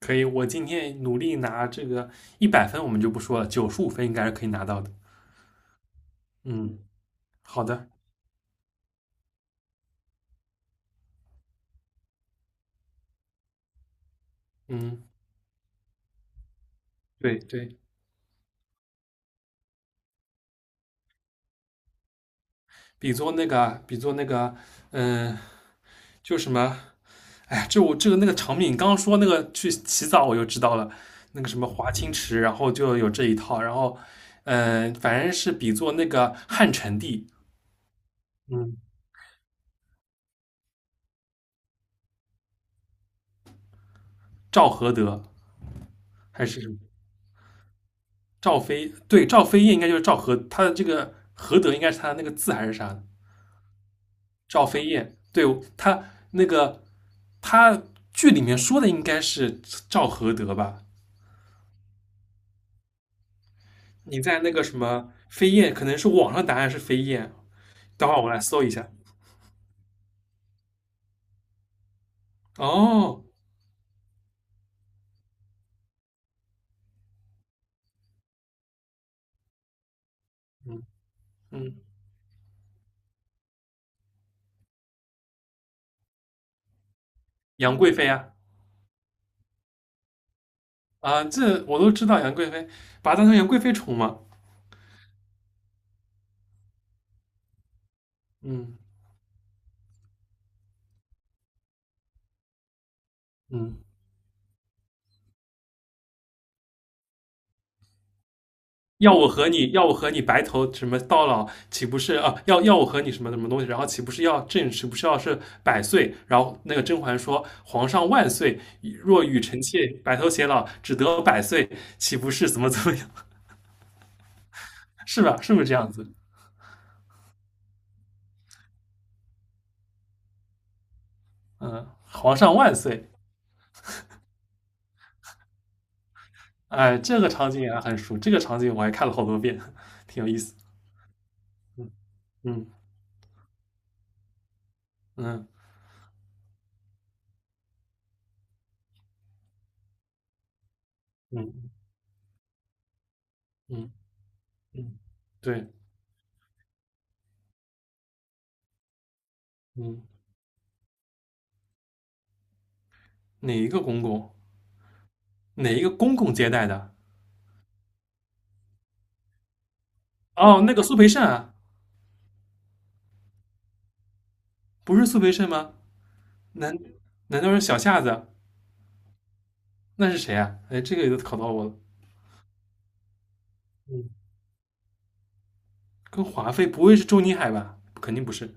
可以，我今天努力拿这个100分，我们就不说了，95分应该是可以拿到的。嗯，好的。嗯。对对。比作那个，嗯、就什么，哎，就我这个那个场景，你刚刚说那个去洗澡，我就知道了，那个什么华清池，然后就有这一套，然后，反正是比作那个汉成帝。嗯。赵合德，还是什么赵飞。对，赵飞燕应该就是赵合，他的这个合德应该是他的那个字还是啥的。赵飞燕。对，他那个他剧里面说的应该是赵合德吧？你在那个什么飞燕，可能是网上答案是飞燕，等会儿我来搜一下。哦。嗯嗯，杨贵妃啊。啊，这我都知道杨贵妃，把她当成杨贵妃宠嘛。嗯。嗯，要我和你白头什么到老，岂不是啊？要我和你什么什么东西？然后岂不是要百岁？然后那个甄嬛说："皇上万岁，若与臣妾白头偕老，只得百岁，岂不是怎么怎么样？是吧？是不是这样子？嗯，皇上万岁！哎，这个场景也很熟，这个场景我还看了好多遍，挺有意思。嗯嗯嗯嗯嗯嗯。对。嗯。哪一个公公？哪一个公公接待的？哦，那个苏培盛啊。不是苏培盛吗？难难道是小夏子？那是谁啊？哎，这个都考到我了。嗯，跟华妃不会是周宁海吧？肯定不是。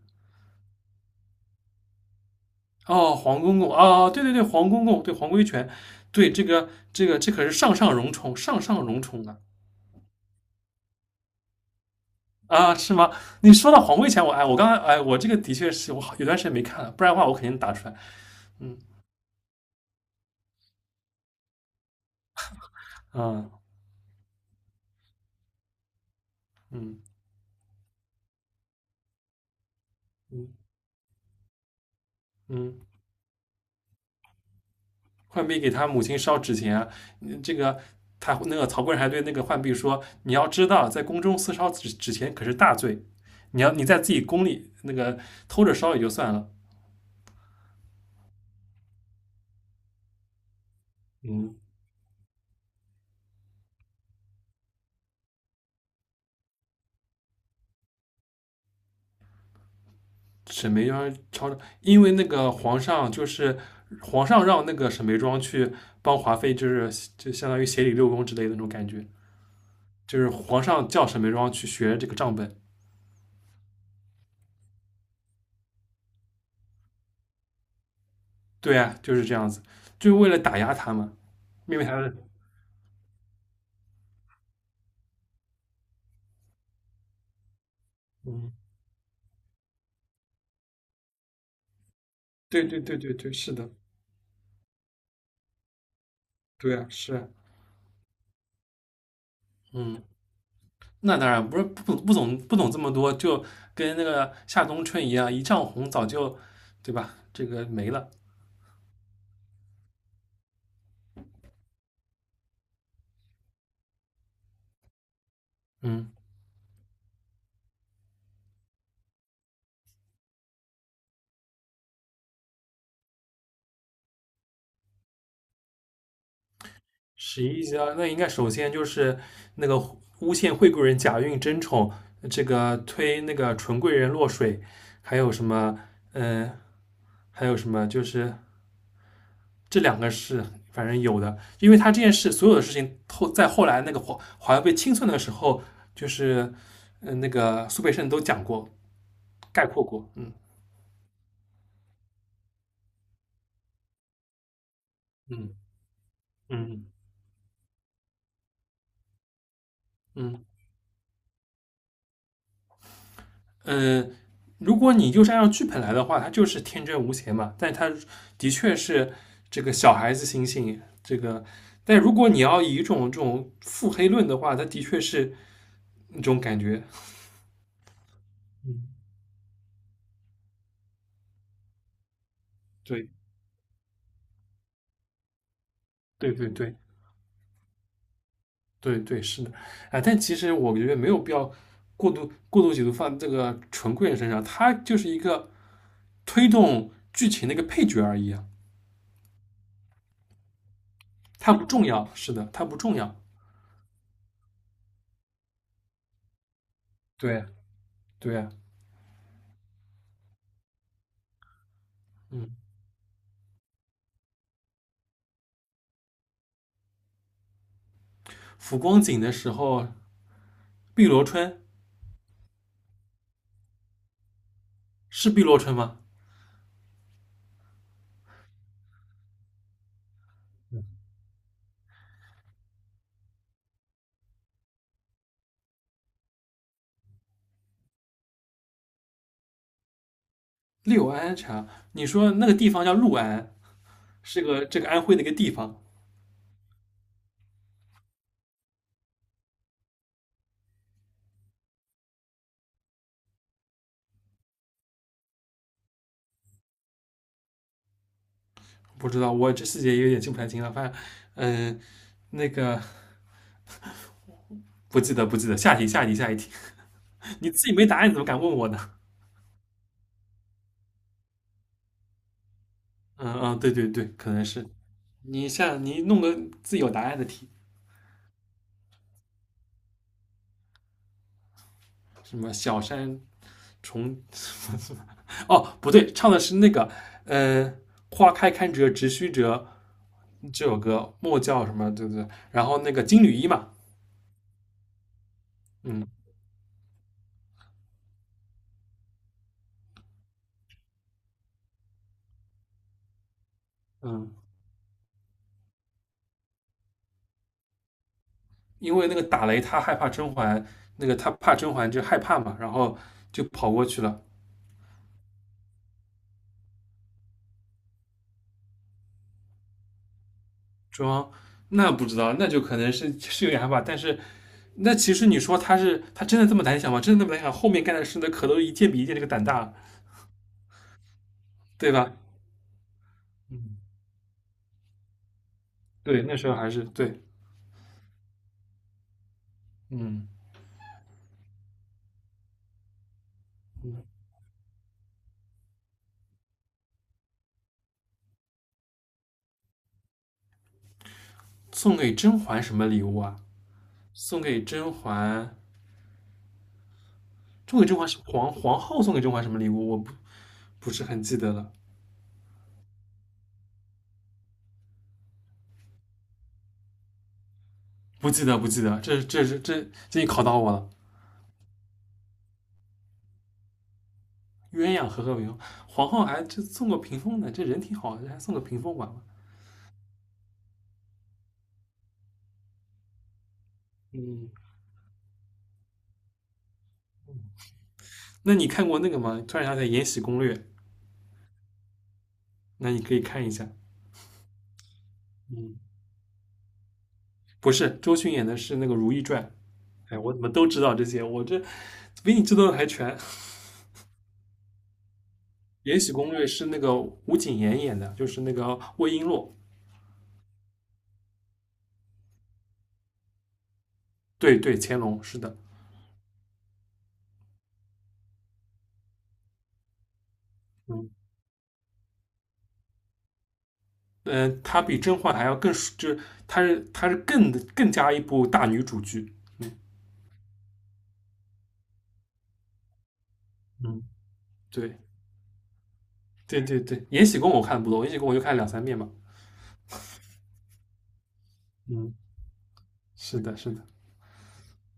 哦，黄公公。哦，对对对，黄公公，对黄规全。对，这个这可是上上荣宠，上上荣宠啊。啊，是吗？你说到黄规全，我刚才哎，我这个的确是我好有段时间没看了，不然的话我肯定打出来。嗯。啊。嗯嗯嗯。浣碧给他母亲烧纸钱啊。这个他那个曹刿还对那个浣碧说："你要知道，在宫中私烧纸钱可是大罪，你在自己宫里那个偷着烧也就算了。嗯，沈眉庄抄着，因为那个皇上让那个沈眉庄去帮华妃，就相当于协理六宫之类的那种感觉，就是皇上叫沈眉庄去学这个账本。对啊，就是这样子，就是为了打压他嘛，因为他的，嗯，对对对对对，是的，对啊，是啊。嗯，那当然不是不懂这么多，就跟那个夏冬春一样，一丈红早就，对吧？这个没了。嗯，十一家那应该首先就是那个诬陷惠贵人假孕争宠，这个推那个纯贵人落水。还有什么？嗯、还有什么？就是这两个是反正有的，因为他这件事所有的事情后来那个华为被清算的时候，就是那个苏培盛都讲过概括过。嗯。嗯嗯嗯嗯，如果你就是按照剧本来的话，它就是天真无邪嘛。但它的确是这个小孩子心性，这个。但如果你要以一种这种腹黑论的话，它的确是那种感觉。嗯，对对对对对对，是的。啊，但其实我觉得没有必要过度解读放这个纯贵人身上，他就是一个推动剧情的一个配角而已啊，他不重要。是的，他不重要。对对。嗯。浮光景的时候，碧螺春。是碧螺春吗？六安茶，你说那个地方叫六安，是个这个安徽的一个地方。不知道，我这细节有点记不太清了。反正，嗯、那个不记得，不记得。下一题，下一题，下一题。你自己没答案，你怎么敢问我呢？嗯嗯，对对对，可能是。你弄个自己有答案的题。什么小山重 哦，不对，唱的是那个，呃，花开堪折直须折这首歌，莫叫什么，对不对？然后那个金缕衣嘛。嗯嗯。因为那个打雷他害怕甄嬛，那个他怕甄嬛就害怕嘛，然后就跑过去了。装那不知道，那就可能是有点害怕，但是那其实你说他真的这么胆小吗？真的那么胆小？后面干的事那可都一件比一件这个胆大，对吧？嗯，对，那时候还是对。嗯。送给甄嬛什么礼物啊？送给甄嬛，送给甄嬛是皇后送给甄嬛什么礼物？我不是很记得了，不记得不记得，这这是这这你考到我了。鸳鸯和和平。皇后还这送个屏风呢，这人挺好，还送个屏风玩玩。嗯，那你看过那个吗？突然想起来《延禧攻略》。那你可以看一下。嗯，不是，周迅演的是那个《如懿传》。哎，我怎么都知道这些？我这比你知道的还全。《延禧攻略》是那个吴谨言演的，就是那个魏璎珞。对对，乾隆是的。嗯嗯、它比甄嬛还要更，就是他是更加一部大女主剧。嗯，对对对对，《延禧宫》我看的不多，《延禧宫》我就看了两三遍吧。嗯，是的是的。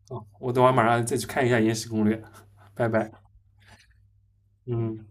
哦，我等会儿马上再去看一下《延禧攻略》。拜拜。嗯。